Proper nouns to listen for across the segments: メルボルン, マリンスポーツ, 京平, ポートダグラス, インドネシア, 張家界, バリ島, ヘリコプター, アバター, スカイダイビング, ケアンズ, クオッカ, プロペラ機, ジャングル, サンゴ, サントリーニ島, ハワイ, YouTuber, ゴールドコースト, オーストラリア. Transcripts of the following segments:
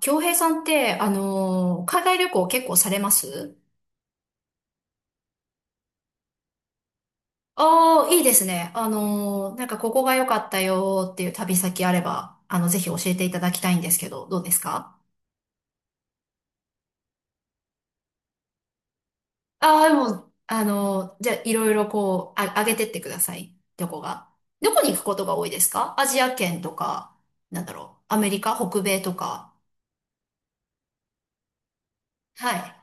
京平さんって、海外旅行結構されます？ああー、いいですね。なんかここが良かったよーっていう旅先あれば、あの、ぜひ教えていただきたいんですけど、どうですか？ああー、でも、じゃあ、いろいろこう、あ、上げてってください。どこが。どこに行くことが多いですか？アジア圏とか、なんだろう、アメリカ、北米とか。はい。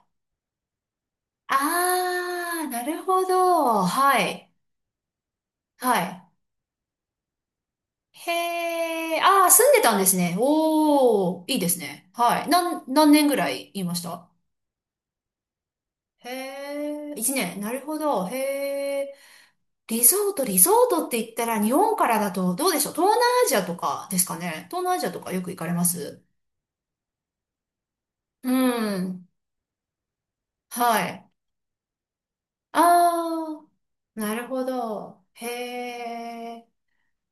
ああ、なるほど。はい。はい。へえ、ああ、住んでたんですね。おー、いいですね。はい。何年ぐらいいました？へえ、一年。なるほど。へえ。リゾートって言ったら日本からだとどうでしょう？東南アジアとかですかね。東南アジアとかよく行かれます？うん。はい。ああ、なるほど。へえ。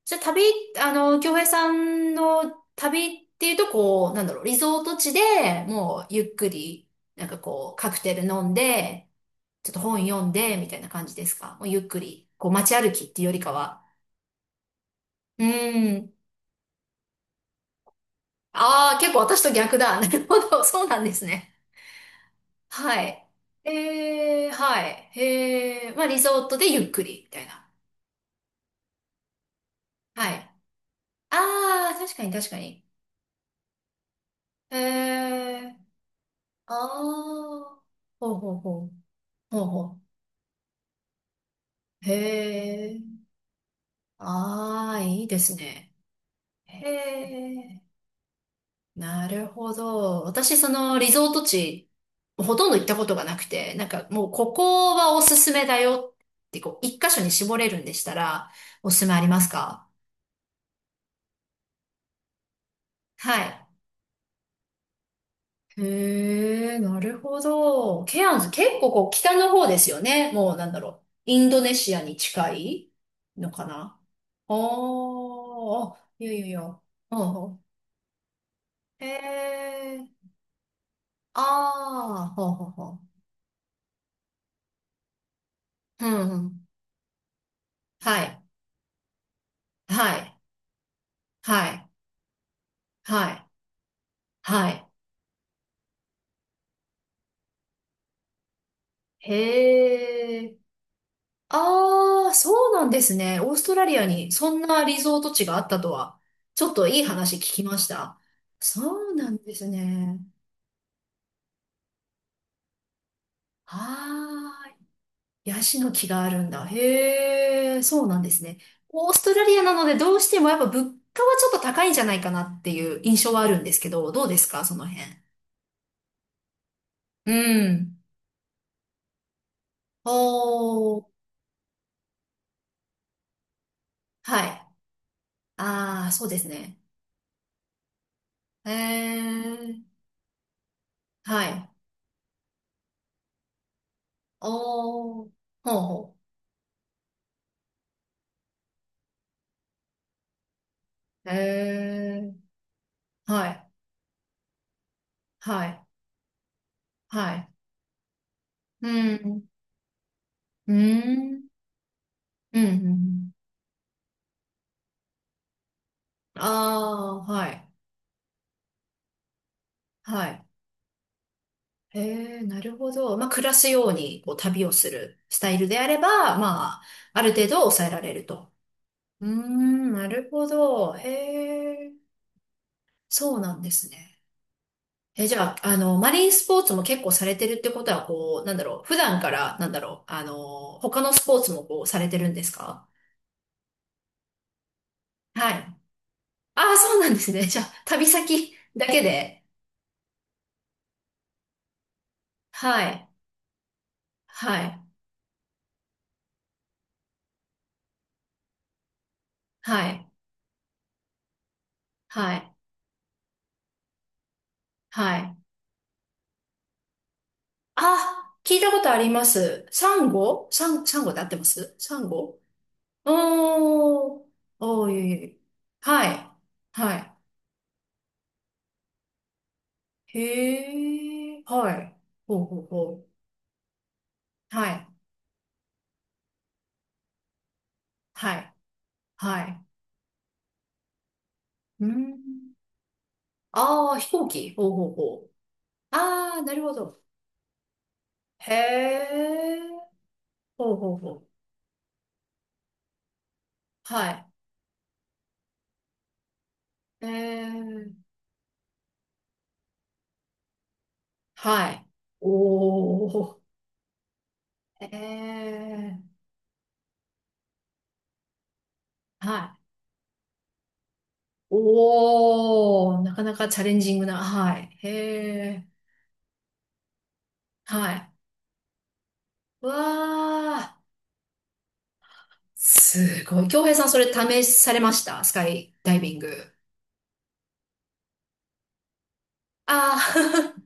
じゃあ旅、あの、京平さんの旅っていうと、こう、なんだろう、リゾート地でもうゆっくり、なんかこう、カクテル飲んで、ちょっと本読んで、みたいな感じですか？もうゆっくり、こう街歩きっていうよりかは。うーん。ああ、結構私と逆だ。なるほど。そうなんですね。はい。えーはい。えーまあリゾートでゆっくり、みたいな。はい。ああ、確かに確かに。えーああ。ほうほうほう。ほうほうへえ。ああ、いいですね。へえ。なるほど。私、そのリゾート地、ほとんど行ったことがなくて、なんかもうここはおすすめだよって、こう、一箇所に絞れるんでしたら、おすすめありますか？はい。へえ、なるほど。ケアンズ、結構こう、北の方ですよね。もうなんだろう。インドネシアに近いのかな？おーあ、いやいやいや。うんうん。へえ。ああ、ほうほうほう。うんうん。はい。はい。はい。はい。はい。へえ。ああ、そうなんですね。オーストラリアにそんなリゾート地があったとは、ちょっといい話聞きました。そうなんですね。ああ、ヤシの木があるんだ。へえ、そうなんですね。オーストラリアなのでどうしてもやっぱ物価はちょっと高いんじゃないかなっていう印象はあるんですけど、どうですか、その辺。うん。おーはい。ああ、そうですね。へえ、はい。おー、ほうほう。へえ、はい、はい、はい。うん、うん、うん、うん。ああ、はい、はい。へえ、なるほど。まあ、暮らすように、こう、旅をするスタイルであれば、まあ、ある程度抑えられると。うーん、なるほど。へえ、そうなんですね。え、じゃあ、あの、マリンスポーツも結構されてるってことは、こう、なんだろう、普段から、なんだろう、あの、他のスポーツもこう、されてるんですか？はい。ああ、そうなんですね。じゃあ、旅先だけで。はい。はい。はい。はい。はい。あ、聞いたことあります。サンゴで合ってます？サンゴ。おー。おー、いえいえ。はい。はい。へえ。はい。ほうほうほう。はい。はい。はい。うん。ああ、飛行機。ほうほうほう。ああ、なるほど。へえ。ほうほうほう。はい。ええ。はい。おお。ええ。はい。おお。なかなかチャレンジングな。はい。へえ。はい。わあ。すごい。京平さん、それ試されました？スカイダイビング。ああー、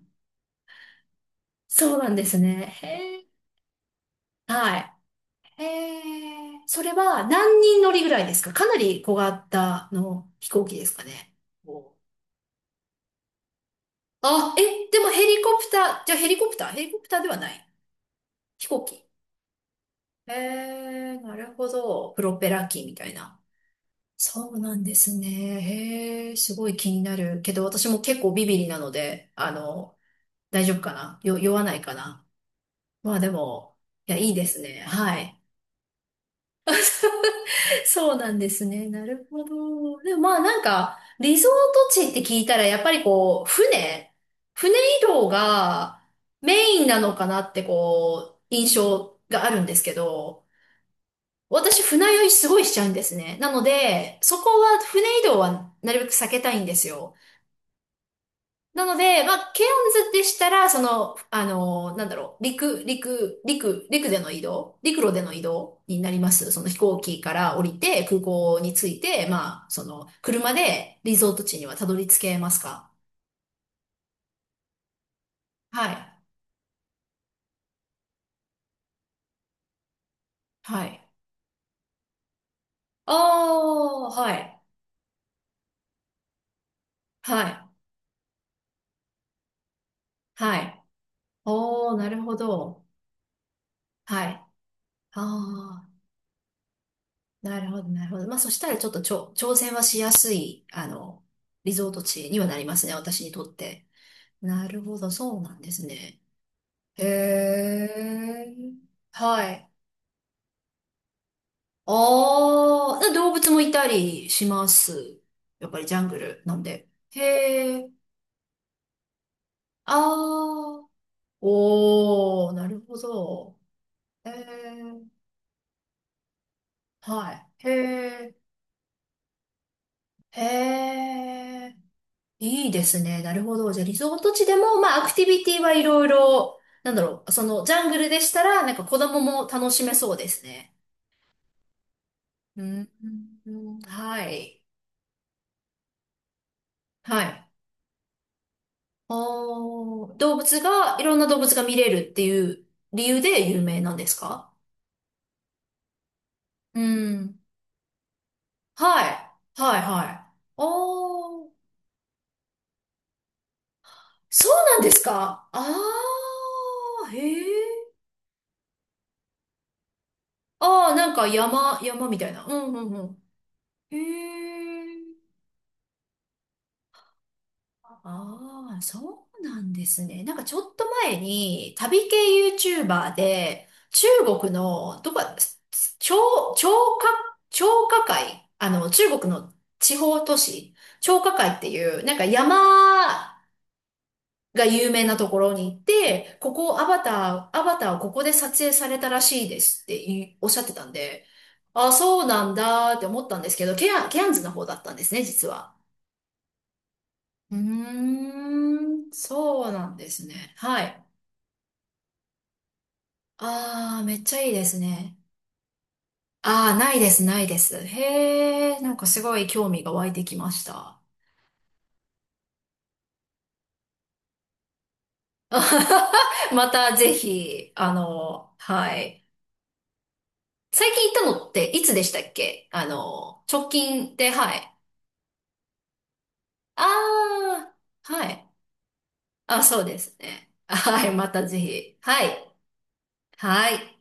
そうなんですね。へえ。はい。それは何人乗りぐらいですか？かなり小型の飛行機ですかね。おあ、え、でもヘリコプター、じゃあヘリコプター、ヘリコプターではない。飛行機。えー、なるほど。プロペラ機みたいな。そうなんですね。へえ、すごい気になる。けど私も結構ビビリなので、あの、大丈夫かなよ、酔わないかな？まあでも、いや、いいですね。はい。そうなんですね。なるほど。でもまあなんか、リゾート地って聞いたら、やっぱりこう、船移動がメインなのかなってこう、印象があるんですけど、私船酔いすごいしちゃうんですね。なので、そこは船移動はなるべく避けたいんですよ。なので、まあ、ケオンズでしたら、その、あの、なんだろう、陸での移動、陸路での移動になります。その飛行機から降りて、空港に着いて、まあ、その、車でリゾート地にはたどり着けますか？はい。はい。あー、はい。はい。はい。おー、なるほど。はい。あー、なるほど、なるほど。まあ、そしたらちょっとちょ、挑戦はしやすい、あの、リゾート地にはなりますね、私にとって。なるほど、そうなんですね。へえ。はい。ああ、で動物もいたりします？やっぱりジャングルなんで。へえ。ああ。おー、なるほど。へえ。はい。へえ。へえ。いいですね。なるほど。じゃあ、リゾート地でも、まあ、アクティビティはいろいろ、なんだろう、その、ジャングルでしたら、なんか子供も楽しめそうですね。うん、うんはい。はい。おー、動物が、いろんな動物が見れるっていう理由で有名なんですか？うん。はい。はい、はい。おー、そうなんですか？あー、へー。あー、なんか山みたいな。うん、うん、うん。へー。ああ、そうなんですね。なんかちょっと前に旅系 YouTuber で中国のどこ、張、張家、張家界、あの中国の地方都市、張家界っていうなんか山が有名なところに行って、ここアバターをここで撮影されたらしいですっていおっしゃってたんで、ああ、そうなんだって思ったんですけど、ケアンズの方だったんですね、実は。うーん、そうなんですね。はい。ああ、めっちゃいいですね。ああ、ないです、ないです。へえ、なんかすごい興味が湧いてきました。またぜひ、あの、はい。最近行ったのっていつでしたっけ？あの、直近で、はい。ああ、はい。あ、そうですね。はい、またぜひ。はい。はい。